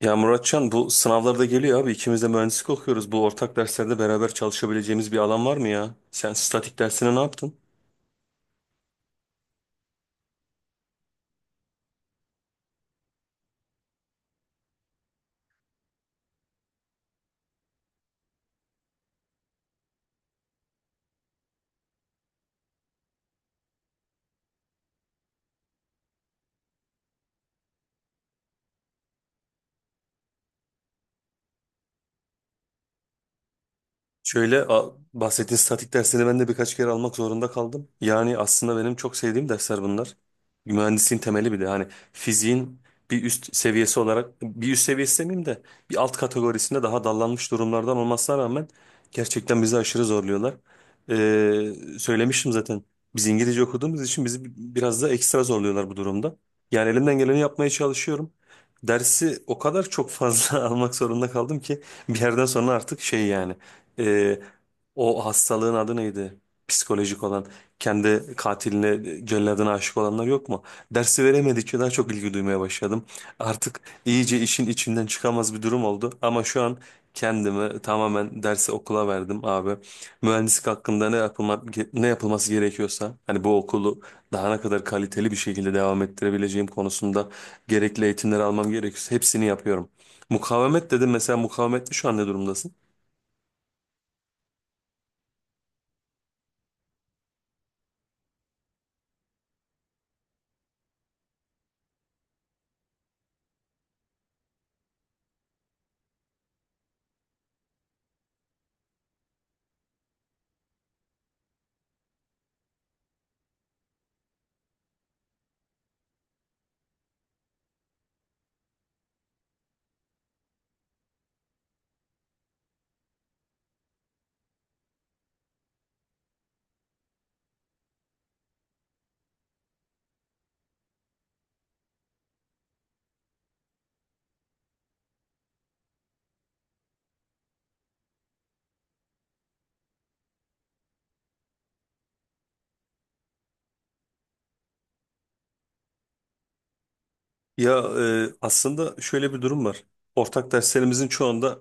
Ya Muratcan bu sınavlarda geliyor abi. İkimiz de mühendislik okuyoruz. Bu ortak derslerde beraber çalışabileceğimiz bir alan var mı ya? Sen statik dersine ne yaptın? Bahsettiğin statik dersini ben de birkaç kere almak zorunda kaldım. Yani aslında benim çok sevdiğim dersler bunlar. Mühendisliğin temeli bir de hani fiziğin bir üst seviyesi olarak bir üst seviyesi demeyeyim de bir alt kategorisinde daha dallanmış durumlardan olmasına rağmen gerçekten bizi aşırı zorluyorlar. Söylemiştim zaten biz İngilizce okuduğumuz için bizi biraz da ekstra zorluyorlar bu durumda. Yani elimden geleni yapmaya çalışıyorum. Dersi o kadar çok fazla almak zorunda kaldım ki bir yerden sonra artık şey yani e, o hastalığın adı neydi? Psikolojik olan, kendi katiline, celladına aşık olanlar yok mu? Dersi veremedikçe daha çok ilgi duymaya başladım. Artık iyice işin içinden çıkamaz bir durum oldu. Ama şu an kendimi tamamen dersi okula verdim abi. Mühendislik hakkında ne yapılma, ne yapılması gerekiyorsa, hani bu okulu daha ne kadar kaliteli bir şekilde devam ettirebileceğim konusunda gerekli eğitimleri almam gerekiyorsa hepsini yapıyorum. Mukavemet dedim mesela mukavemette şu an ne durumdasın? Ya aslında şöyle bir durum var. Ortak derslerimizin çoğunda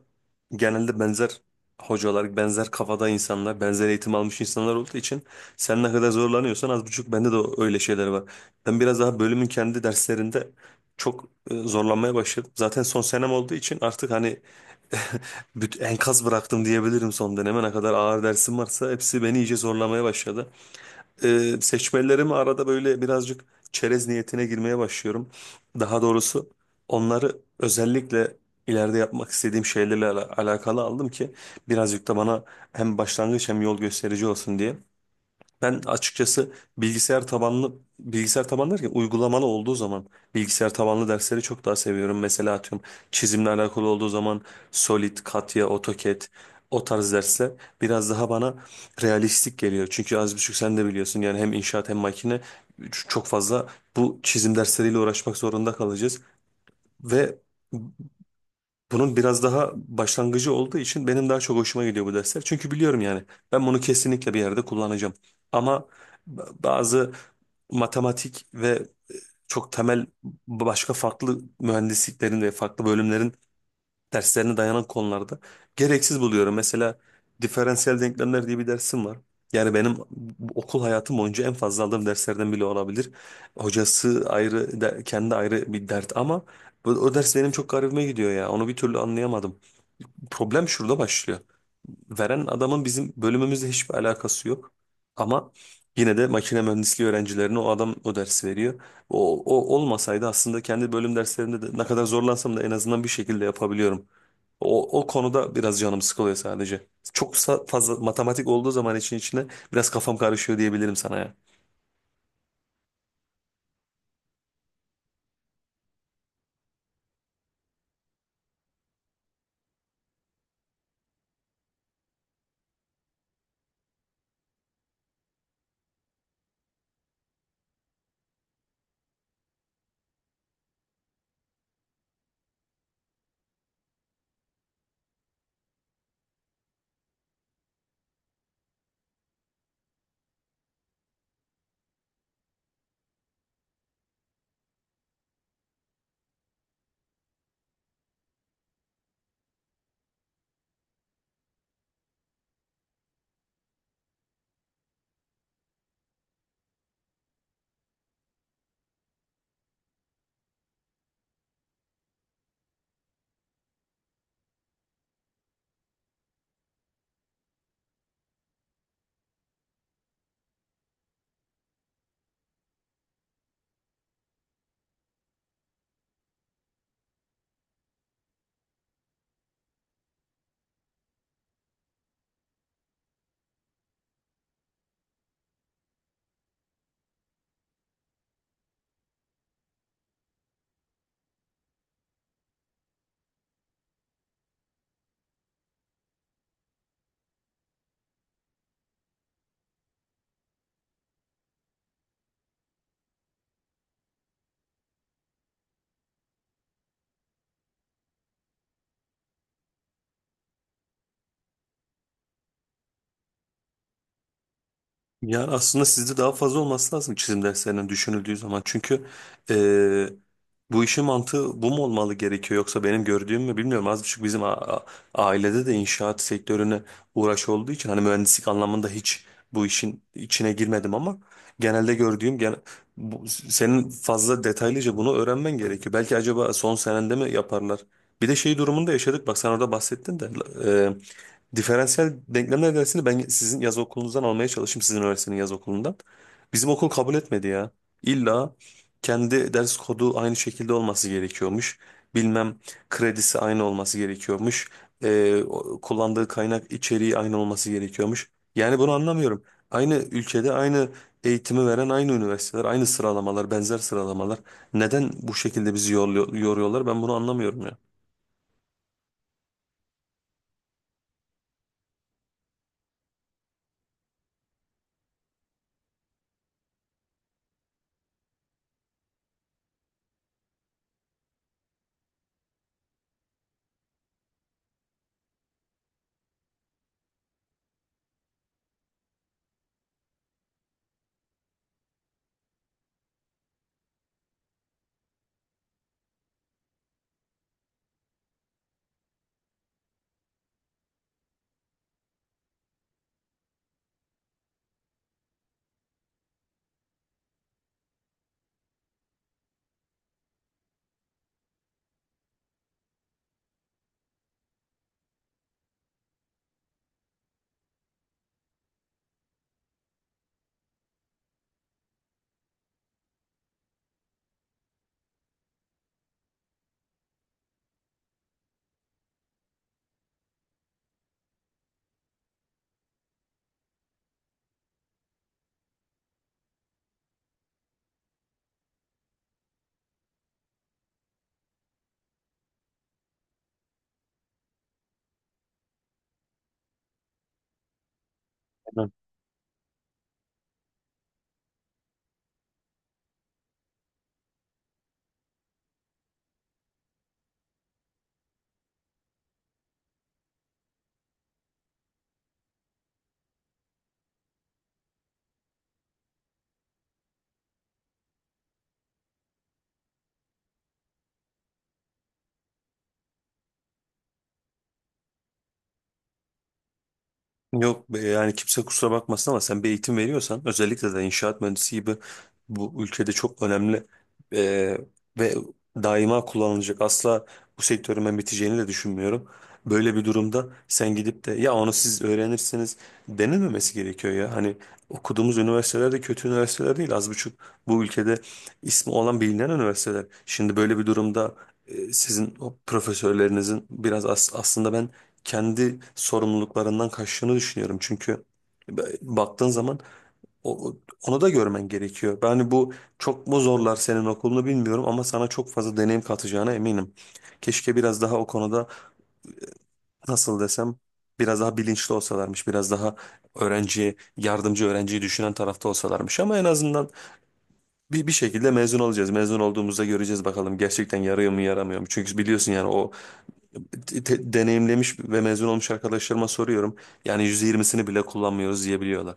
genelde benzer hocalar, benzer kafada insanlar, benzer eğitim almış insanlar olduğu için sen ne kadar zorlanıyorsan az buçuk bende de öyle şeyler var. Ben biraz daha bölümün kendi derslerinde çok zorlanmaya başladım. Zaten son senem olduğu için artık hani enkaz bıraktım diyebilirim son döneme. Ne kadar ağır dersim varsa hepsi beni iyice zorlamaya başladı. Seçmelerimi arada böyle birazcık çerez niyetine girmeye başlıyorum. Daha doğrusu onları özellikle ileride yapmak istediğim şeylerle alakalı aldım ki birazcık da bana hem başlangıç hem yol gösterici olsun diye. Ben açıkçası bilgisayar tabanlı derken uygulamalı olduğu zaman bilgisayar tabanlı dersleri çok daha seviyorum. Mesela atıyorum çizimle alakalı olduğu zaman Solid, Katya, AutoCAD o tarz dersler biraz daha bana realistik geliyor. Çünkü az buçuk sen de biliyorsun yani hem inşaat hem makine çok fazla bu çizim dersleriyle uğraşmak zorunda kalacağız ve bunun biraz daha başlangıcı olduğu için benim daha çok hoşuma gidiyor bu dersler. Çünkü biliyorum yani ben bunu kesinlikle bir yerde kullanacağım. Ama bazı matematik ve çok temel başka farklı mühendisliklerin ve farklı bölümlerin derslerine dayanan konularda gereksiz buluyorum. Mesela diferansiyel denklemler diye bir dersim var. Yani benim okul hayatım boyunca en fazla aldığım derslerden bile olabilir. Hocası ayrı, kendi ayrı bir dert ama o ders benim çok garibime gidiyor ya. Onu bir türlü anlayamadım, problem şurada başlıyor. Veren adamın bizim bölümümüzle hiçbir alakası yok. Ama yine de makine mühendisliği öğrencilerine o adam o dersi veriyor. O olmasaydı aslında kendi bölüm derslerimde de ne kadar zorlansam da en azından bir şekilde yapabiliyorum. O konuda biraz canım sıkılıyor sadece. Fazla matematik olduğu zaman için içine biraz kafam karışıyor diyebilirim sana ya. Yani aslında sizde daha fazla olması lazım çizim derslerinin düşünüldüğü zaman. Çünkü eee, bu işin mantığı bu mu olmalı gerekiyor yoksa benim gördüğüm mü bilmiyorum. Az buçuk bizim ailede de inşaat sektörüne uğraş olduğu için hani mühendislik anlamında hiç bu işin içine girmedim ama genelde gördüğüm gene, bu, senin fazla detaylıca bunu öğrenmen gerekiyor. Belki acaba son senende mi yaparlar? Bir de şey durumunda yaşadık. Bak sen orada bahsettin de diferansiyel denklemler dersini ben sizin yaz okulunuzdan almaya çalıştım. Sizin üniversitenin yaz okulundan. Bizim okul kabul etmedi ya. İlla kendi ders kodu aynı şekilde olması gerekiyormuş. Bilmem kredisi aynı olması gerekiyormuş. Kullandığı kaynak içeriği aynı olması gerekiyormuş. Yani bunu anlamıyorum. Aynı ülkede aynı eğitimi veren aynı üniversiteler, aynı sıralamalar, benzer sıralamalar. Neden bu şekilde bizi yoruyorlar? Ben bunu anlamıyorum ya. Yok yani kimse kusura bakmasın ama sen bir eğitim veriyorsan özellikle de inşaat mühendisi gibi bu ülkede çok önemli e, ve daima kullanılacak, asla bu sektörün ben biteceğini de düşünmüyorum. Böyle bir durumda sen gidip de ya onu siz öğrenirsiniz denilmemesi gerekiyor ya. Hani okuduğumuz üniversiteler de kötü üniversiteler değil, az buçuk bu ülkede ismi olan bilinen üniversiteler. Şimdi böyle bir durumda sizin o profesörlerinizin biraz aslında ben kendi sorumluluklarından kaçtığını düşünüyorum. Çünkü baktığın zaman o- onu da görmen gerekiyor. Yani bu çok mu zorlar senin okulunu bilmiyorum ama sana çok fazla deneyim katacağına eminim. Keşke biraz daha o konuda nasıl desem biraz daha bilinçli olsalarmış, biraz daha öğrenciye, yardımcı öğrenciyi düşünen tarafta olsalarmış ama en azından bir şekilde mezun olacağız. Mezun olduğumuzda göreceğiz bakalım gerçekten yarıyor mu yaramıyor mu? Çünkü biliyorsun yani o deneyimlemiş ve mezun olmuş arkadaşlarıma soruyorum. Yani %20'sini bile kullanmıyoruz diyebiliyorlar.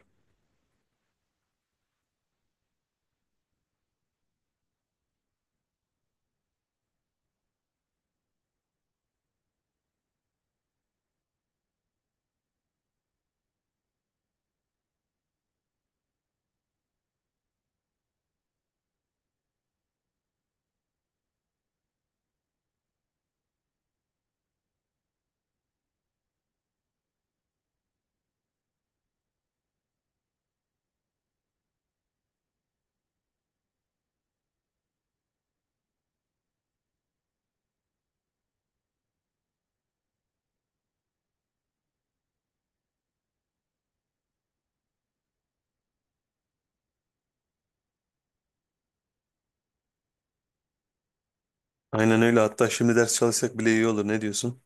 Aynen öyle. Hatta şimdi ders çalışsak bile iyi olur. Ne diyorsun?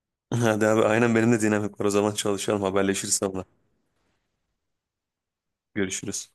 Hadi abi aynen benim de dinamik var. O zaman çalışalım. Haberleşiriz sonra. Görüşürüz.